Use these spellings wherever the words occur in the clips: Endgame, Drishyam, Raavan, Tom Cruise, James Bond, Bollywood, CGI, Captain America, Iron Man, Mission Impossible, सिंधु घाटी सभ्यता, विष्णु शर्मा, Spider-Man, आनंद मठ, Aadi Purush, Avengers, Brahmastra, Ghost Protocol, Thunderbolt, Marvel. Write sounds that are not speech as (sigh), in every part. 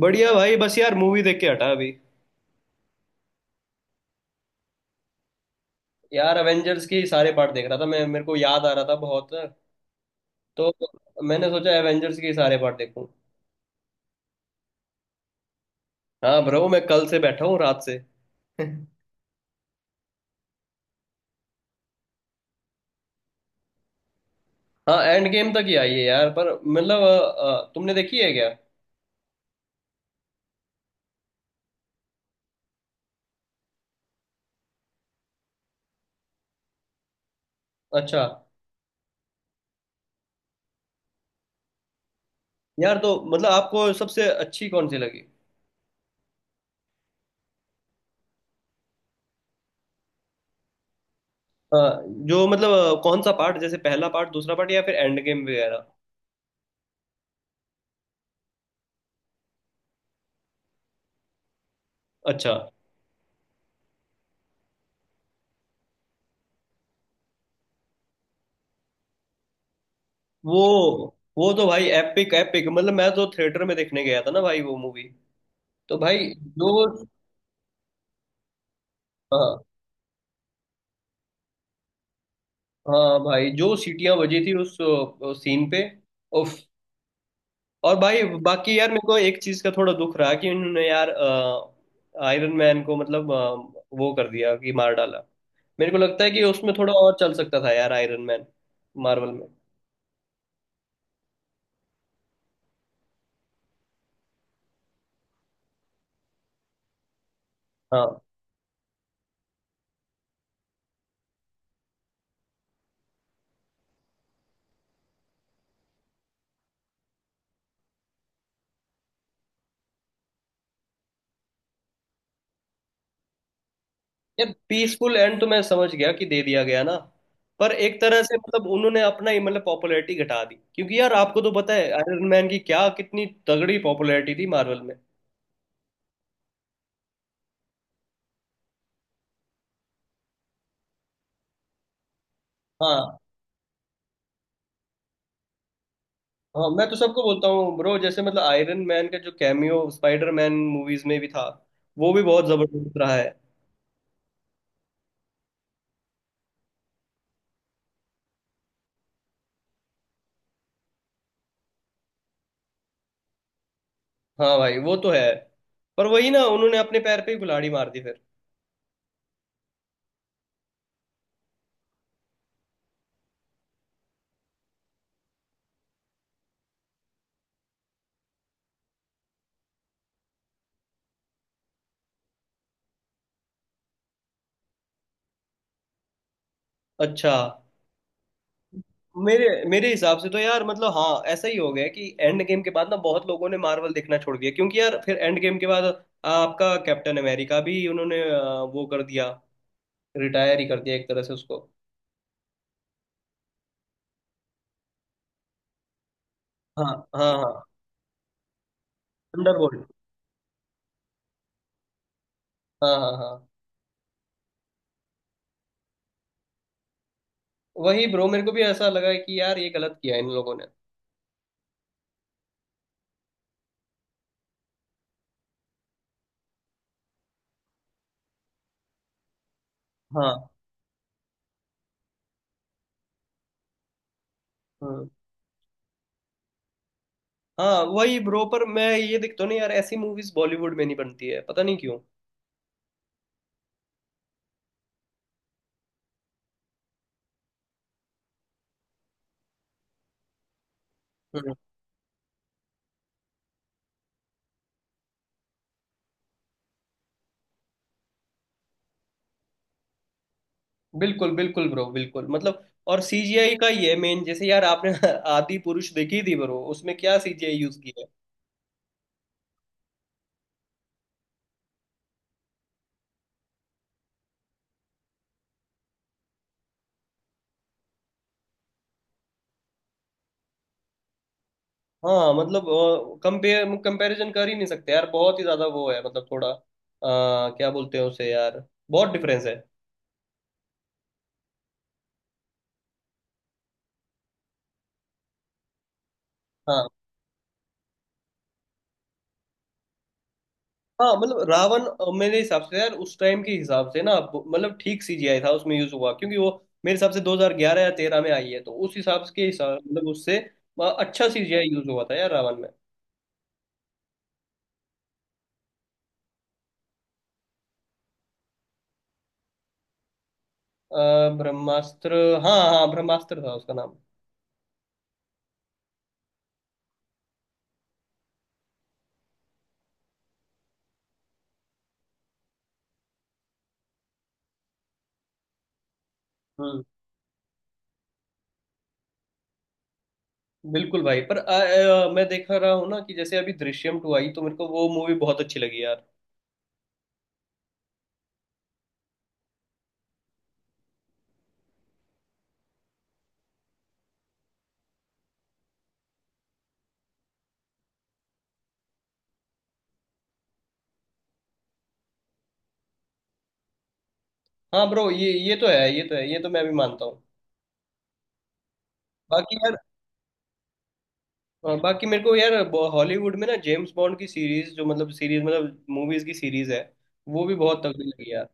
बढ़िया भाई। बस यार मूवी देख के हटा अभी। यार एवेंजर्स की सारे पार्ट देख रहा था। मैं मेरे को याद आ रहा था बहुत तो मैंने सोचा एवेंजर्स की सारे पार्ट देखूं। हाँ ब्रो, मैं कल से बैठा हूँ रात से। (laughs) हाँ एंड गेम तक ही आई है यार। पर मतलब तुमने देखी है क्या? अच्छा। यार तो मतलब आपको सबसे अच्छी कौन सी लगी? अ, जो मतलब कौन सा पार्ट, जैसे पहला पार्ट, दूसरा पार्ट या फिर एंड गेम वगैरह। अच्छा। वो वो तो भाई एपिक एपिक मतलब, मैं तो थिएटर में देखने गया था ना भाई वो मूवी। तो भाई जो, हाँ हाँ भाई जो सीटियां बजी थी उस सीन पे, उफ। और भाई बाकी यार मेरे को एक चीज का थोड़ा दुख रहा कि उन्होंने यार आयरन मैन को मतलब वो कर दिया कि मार डाला। मेरे को लगता है कि उसमें थोड़ा और चल सकता था यार आयरन मैन मार्वल में। हाँ यार, पीसफुल एंड तो मैं समझ गया कि दे दिया गया ना, पर एक तरह से मतलब उन्होंने अपना ही मतलब पॉपुलैरिटी घटा दी, क्योंकि यार आपको तो पता है आयरन मैन की क्या कितनी तगड़ी पॉपुलैरिटी थी मार्वल में। हाँ हाँ, मैं तो सबको बोलता हूँ ब्रो, जैसे मतलब आयरन मैन का जो कैमियो स्पाइडर मैन मूवीज में भी था वो भी बहुत जबरदस्त रहा है। हाँ भाई वो तो है, पर वही ना, उन्होंने अपने पैर पे ही कुल्हाड़ी मार दी फिर। अच्छा। मेरे मेरे हिसाब से तो यार मतलब हाँ, ऐसा ही हो गया कि एंड गेम के बाद ना बहुत लोगों ने मार्वल देखना छोड़ दिया, क्योंकि यार फिर एंड गेम के बाद आपका कैप्टन अमेरिका भी उन्होंने वो कर दिया, रिटायर ही कर दिया एक तरह से उसको। हाँ हाँ हाँ, थंडरबोल्ट। हाँ हाँ हाँ। वही ब्रो, मेरे को भी ऐसा लगा कि यार ये गलत किया इन लोगों ने। हाँ। हम्म। हाँ वही ब्रो, पर मैं ये देखता हूँ ना यार, ऐसी मूवीज बॉलीवुड में नहीं बनती है, पता नहीं क्यों। हम्म। बिल्कुल बिल्कुल ब्रो बिल्कुल मतलब, और सीजीआई का ही है मेन। जैसे यार आपने (laughs) आदि पुरुष देखी थी ब्रो, उसमें क्या सीजीआई यूज किया है। हाँ मतलब कंपेयर कंपैरिजन कर ही नहीं सकते यार, बहुत ही ज्यादा वो है मतलब थोड़ा क्या बोलते हैं उसे यार, बहुत डिफरेंस है। हाँ हाँ मतलब रावण मेरे हिसाब से यार उस टाइम के हिसाब से ना, मतलब ठीक सीजीआई था उसमें यूज हुआ, क्योंकि वो मेरे हिसाब से 2011 या 13 में आई है, तो उस हिसाब के हिसाब मतलब उससे अच्छा सीजीआई यूज हुआ था यार रावण में। अ, ब्रह्मास्त्र। हाँ हाँ ब्रह्मास्त्र था उसका नाम। हम्म। बिल्कुल भाई। पर मैं देख रहा हूँ ना कि जैसे अभी दृश्यम टू आई तो मेरे को वो मूवी बहुत अच्छी लगी यार। हाँ ब्रो, ये तो है, ये तो है, ये तो मैं भी मानता हूँ। बाकी यार, और बाकी मेरे को यार हॉलीवुड में ना जेम्स बॉन्ड की सीरीज जो मतलब सीरीज मतलब मूवीज की सीरीज है वो भी बहुत तगड़ी लगी यार।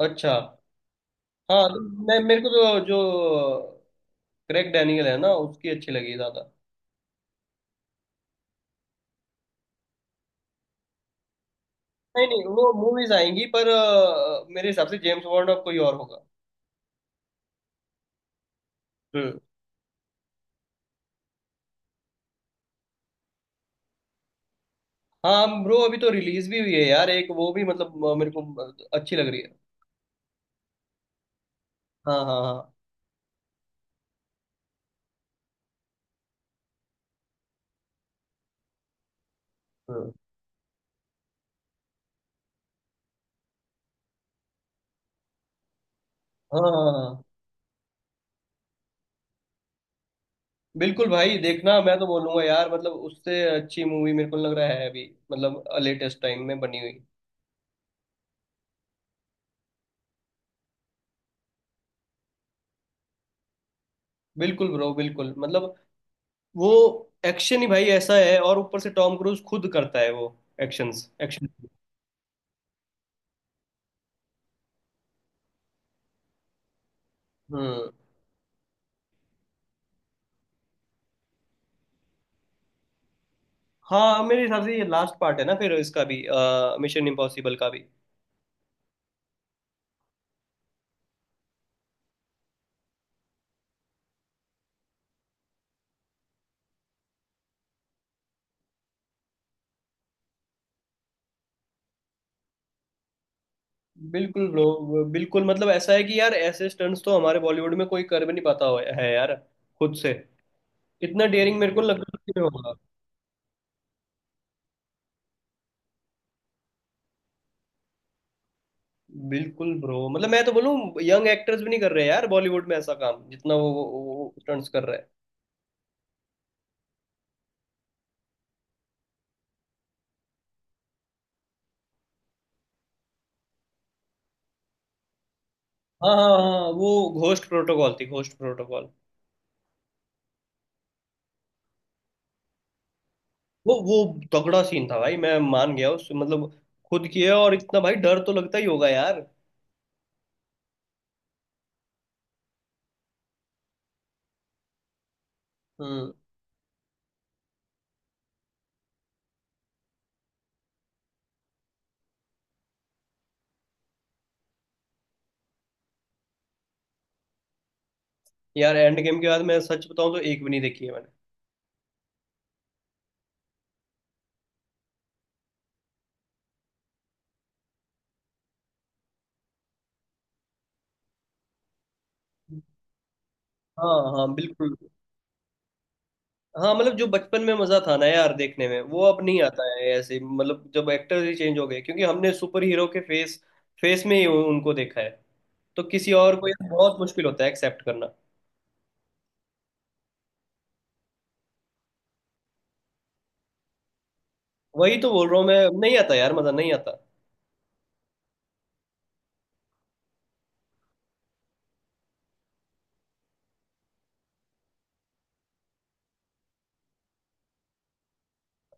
अच्छा। हाँ तो मैं, मेरे को तो जो क्रेग डैनियल है ना उसकी अच्छी लगी ज्यादा। नहीं नहीं, वो मूवीज आएंगी, पर मेरे हिसाब से जेम्स बॉन्ड अब कोई और होगा। हम्म। हाँ ब्रो, अभी तो रिलीज भी हुई है यार एक, वो भी मतलब मेरे को अच्छी लग रही है। हाँ हाँ हाँ। हम्म। हाँ हाँ हाँ। बिल्कुल भाई देखना, मैं तो बोलूंगा यार मतलब उससे अच्छी मूवी मेरे को लग रहा है अभी मतलब लेटेस्ट टाइम में बनी हुई। बिल्कुल ब्रो बिल्कुल मतलब, वो एक्शन ही भाई ऐसा है, और ऊपर से टॉम क्रूज खुद करता है वो एक्शंस एक्शन। हम्म। हाँ मेरे हिसाब से ये लास्ट पार्ट है ना फिर इसका भी, मिशन इम्पॉसिबल का भी। बिल्कुल ब्रो बिल्कुल मतलब ऐसा है कि यार ऐसे स्टंट्स तो हमारे बॉलीवुड में कोई कर भी नहीं पाता है यार, खुद से। इतना डेयरिंग मेरे को लग रहा है। बिल्कुल ब्रो मतलब मैं तो बोलूं, यंग एक्टर्स भी नहीं कर रहे यार बॉलीवुड में ऐसा काम जितना वो स्टंट्स कर रहा है। हाँ हाँ हाँ वो घोस्ट प्रोटोकॉल थी, घोस्ट प्रोटोकॉल। वो तगड़ा सीन था भाई, मैं मान गया उस मतलब, खुद किया, और इतना भाई डर तो लगता ही होगा यार। हम्म। यार एंड गेम के बाद मैं सच बताऊं तो एक भी नहीं देखी है मैंने। हाँ हाँ बिल्कुल। हाँ मतलब जो बचपन में मजा था ना यार देखने में वो अब नहीं आता है, ऐसे मतलब जब एक्टर ही चेंज हो गए, क्योंकि हमने सुपर हीरो के फेस फेस में ही उनको देखा है, तो किसी और को ये बहुत मुश्किल होता है एक्सेप्ट करना। वही तो बोल रहा हूँ मैं, नहीं आता यार, मजा नहीं आता।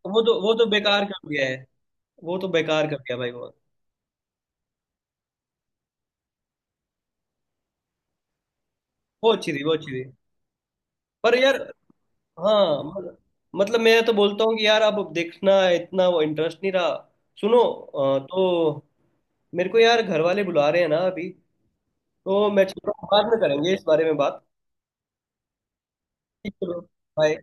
वो तो बेकार कर दिया है, वो तो बेकार कर दिया भाई वो। वो अच्छी थी, वो अच्छी थी, पर यार हाँ मतलब मैं तो बोलता हूँ कि यार अब देखना इतना वो इंटरेस्ट नहीं रहा। सुनो तो मेरे को यार घर वाले बुला रहे हैं ना अभी, तो मैं चल रहा हूँ, बाद में करेंगे इस बारे में बात। ठीक, चलो, बाय।